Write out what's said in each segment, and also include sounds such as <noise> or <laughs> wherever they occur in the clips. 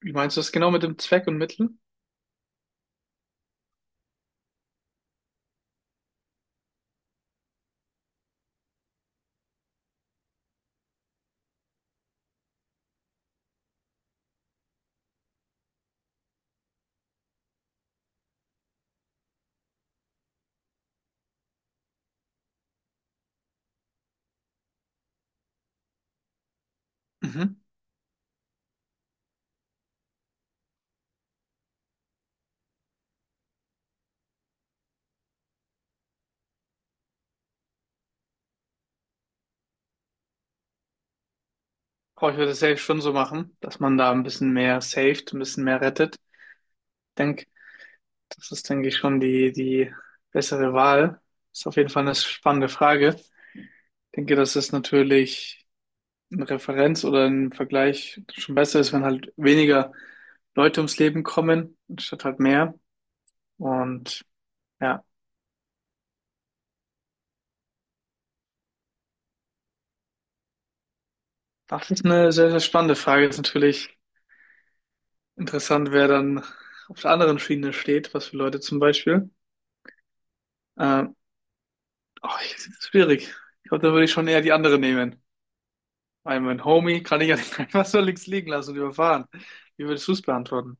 Wie meinst du das genau mit dem Zweck und Mittel? Mhm. Boah, ich würde es safe schon so machen, dass man da ein bisschen mehr saved, ein bisschen mehr rettet. Ich denke, das ist, denke ich, schon die bessere Wahl. Ist auf jeden Fall eine spannende Frage. Ich denke, dass es natürlich eine Referenz oder ein Vergleich schon besser ist, wenn halt weniger Leute ums Leben kommen, anstatt halt mehr. Und ja, das ist eine sehr, sehr spannende Frage. Ist natürlich interessant, wer dann auf der anderen Schiene steht, was für Leute zum Beispiel. Ähm, Ach, das ist schwierig. Ich glaube, da würde ich schon eher die andere nehmen. Weil mein Homie kann ich ja nicht <laughs> einfach so links liegen lassen und überfahren. Wie würdest du es beantworten?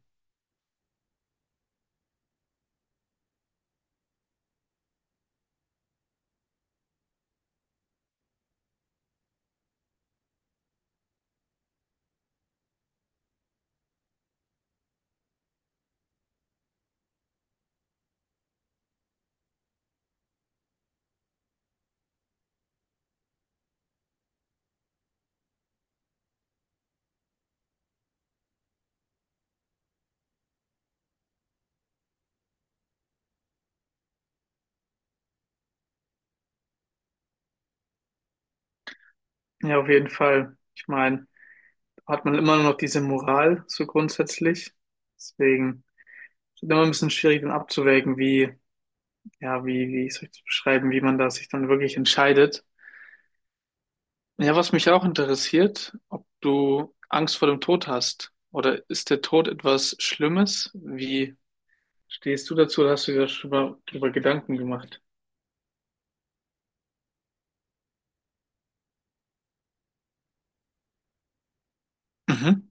Ja, auf jeden Fall. Ich meine, da hat man immer noch diese Moral, so grundsätzlich. Deswegen ist es immer ein bisschen schwierig, dann abzuwägen, wie, ja, wie, wie soll ich das beschreiben, wie man da sich dann wirklich entscheidet. Ja, was mich auch interessiert, ob du Angst vor dem Tod hast. Oder ist der Tod etwas Schlimmes? Wie stehst du dazu? Oder hast du dir darüber, darüber Gedanken gemacht? Mhm.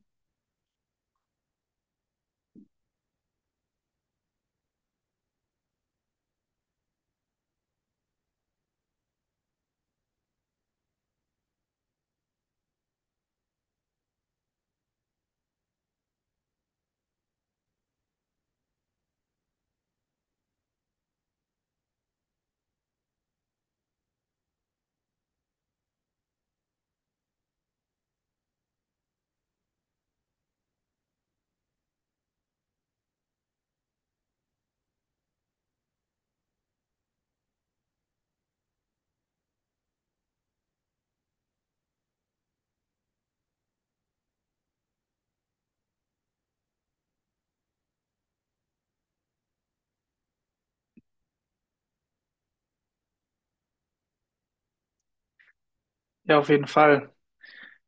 Ja, auf jeden Fall.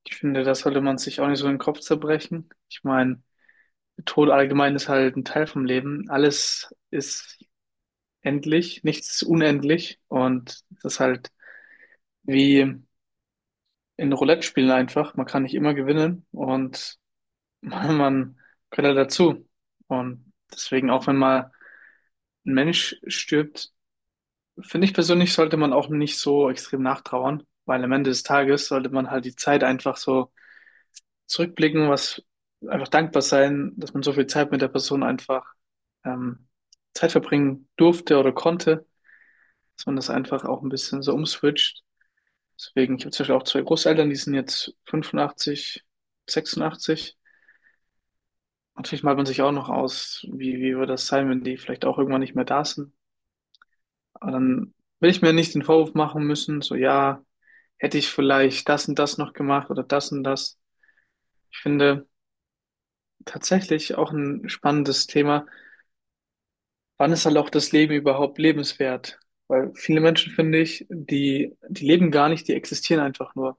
Ich finde, das sollte man sich auch nicht so in den Kopf zerbrechen. Ich meine, Tod allgemein ist halt ein Teil vom Leben. Alles ist endlich, nichts ist unendlich. Und das ist halt wie in Roulette spielen einfach. Man kann nicht immer gewinnen und <laughs> man gehört halt dazu. Und deswegen, auch wenn mal ein Mensch stirbt, finde ich persönlich, sollte man auch nicht so extrem nachtrauern, weil am Ende des Tages sollte man halt die Zeit einfach so zurückblicken, was einfach dankbar sein, dass man so viel Zeit mit der Person einfach ähm, Zeit verbringen durfte oder konnte, dass man das einfach auch ein bisschen so umswitcht. Deswegen, ich habe zum Beispiel auch zwei Großeltern, die sind jetzt 85, 86. Natürlich malt man sich auch noch aus, wie, wie wird das sein, wenn die vielleicht auch irgendwann nicht mehr da sind. Aber dann will ich mir nicht den Vorwurf machen müssen, so ja, hätte ich vielleicht das und das noch gemacht oder das und das. Ich finde tatsächlich auch ein spannendes Thema, wann ist halt auch das Leben überhaupt lebenswert? Weil viele Menschen, finde ich, die leben gar nicht, die existieren einfach nur.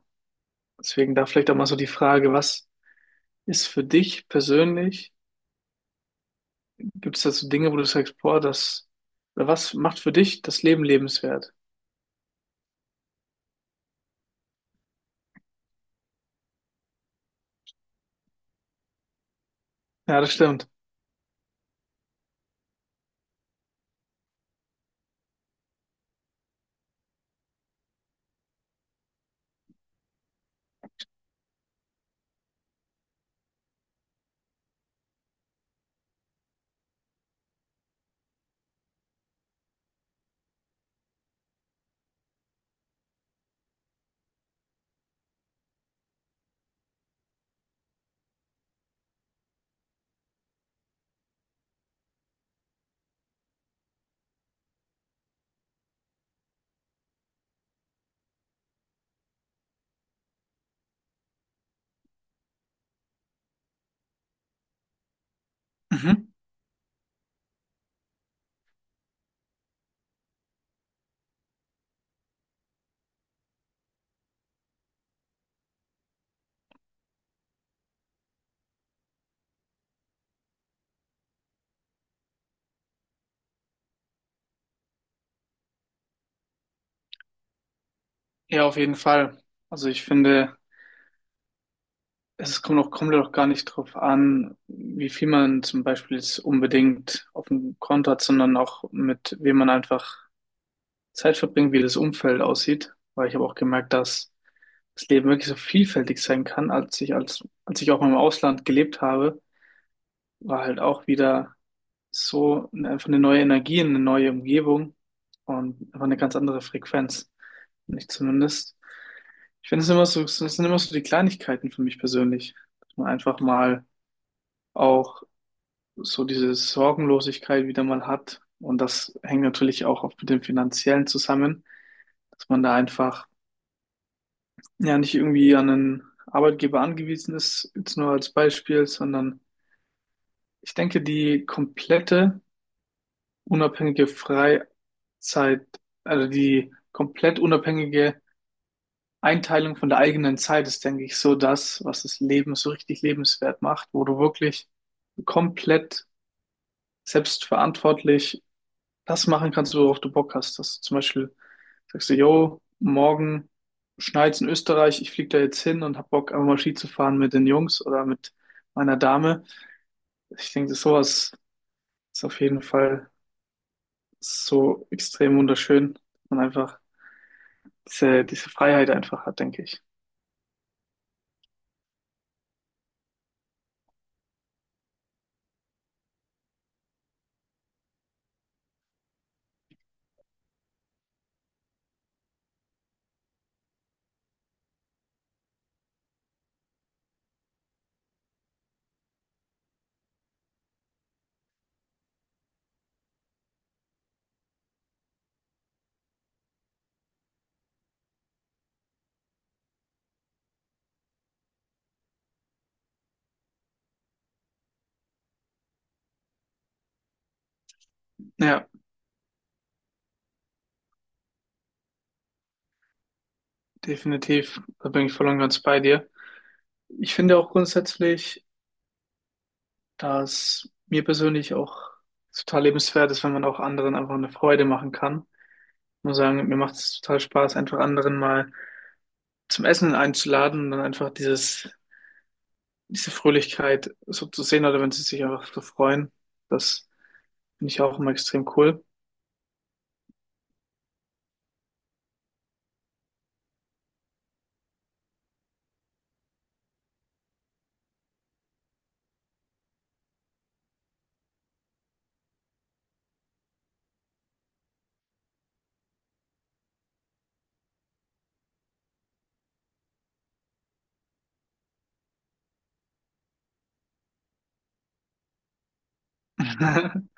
Deswegen da vielleicht auch mal so die Frage, was ist für dich persönlich? Gibt es da so Dinge, wo du sagst, boah, das, oder was macht für dich das Leben lebenswert? Ja, das stimmt. Mhm. Ja, auf jeden Fall. Also ich finde, es kommt auch gar nicht drauf an, wie viel man zum Beispiel jetzt unbedingt auf dem Konto hat, sondern auch mit wem man einfach Zeit verbringen, wie das Umfeld aussieht, weil ich habe auch gemerkt, dass das Leben wirklich so vielfältig sein kann, als ich als ich auch mal im Ausland gelebt habe, war halt auch wieder so eine- einfach eine neue Energie, eine neue Umgebung und einfach eine ganz andere Frequenz, nicht zumindest. Ich finde es immer so, es sind immer so die Kleinigkeiten für mich persönlich, dass man einfach mal auch so diese Sorgenlosigkeit wieder mal hat und das hängt natürlich auch oft mit dem Finanziellen zusammen, dass man da einfach ja nicht irgendwie an einen Arbeitgeber angewiesen ist, jetzt nur als Beispiel, sondern ich denke, die komplette unabhängige Freizeit, also die komplett unabhängige Einteilung von der eigenen Zeit ist, denke ich, so das, was das Leben so richtig lebenswert macht, wo du wirklich komplett selbstverantwortlich das machen kannst, worauf du Bock hast. Dass du zum Beispiel sagst du, yo, morgen schneit's in Österreich, ich fliege da jetzt hin und hab Bock, einfach mal Ski zu fahren mit den Jungs oder mit meiner Dame. Ich denke, das sowas ist auf jeden Fall so extrem wunderschön und einfach diese Freiheit einfach hat, denke ich. Ja, definitiv. Da bin ich voll und ganz bei dir. Ich finde auch grundsätzlich, dass mir persönlich auch total lebenswert ist, wenn man auch anderen einfach eine Freude machen kann. Ich muss sagen, mir macht es total Spaß, einfach anderen mal zum Essen einzuladen und dann einfach dieses, diese Fröhlichkeit so zu sehen oder wenn sie sich einfach so freuen. Das finde ich auch immer extrem cool. <laughs>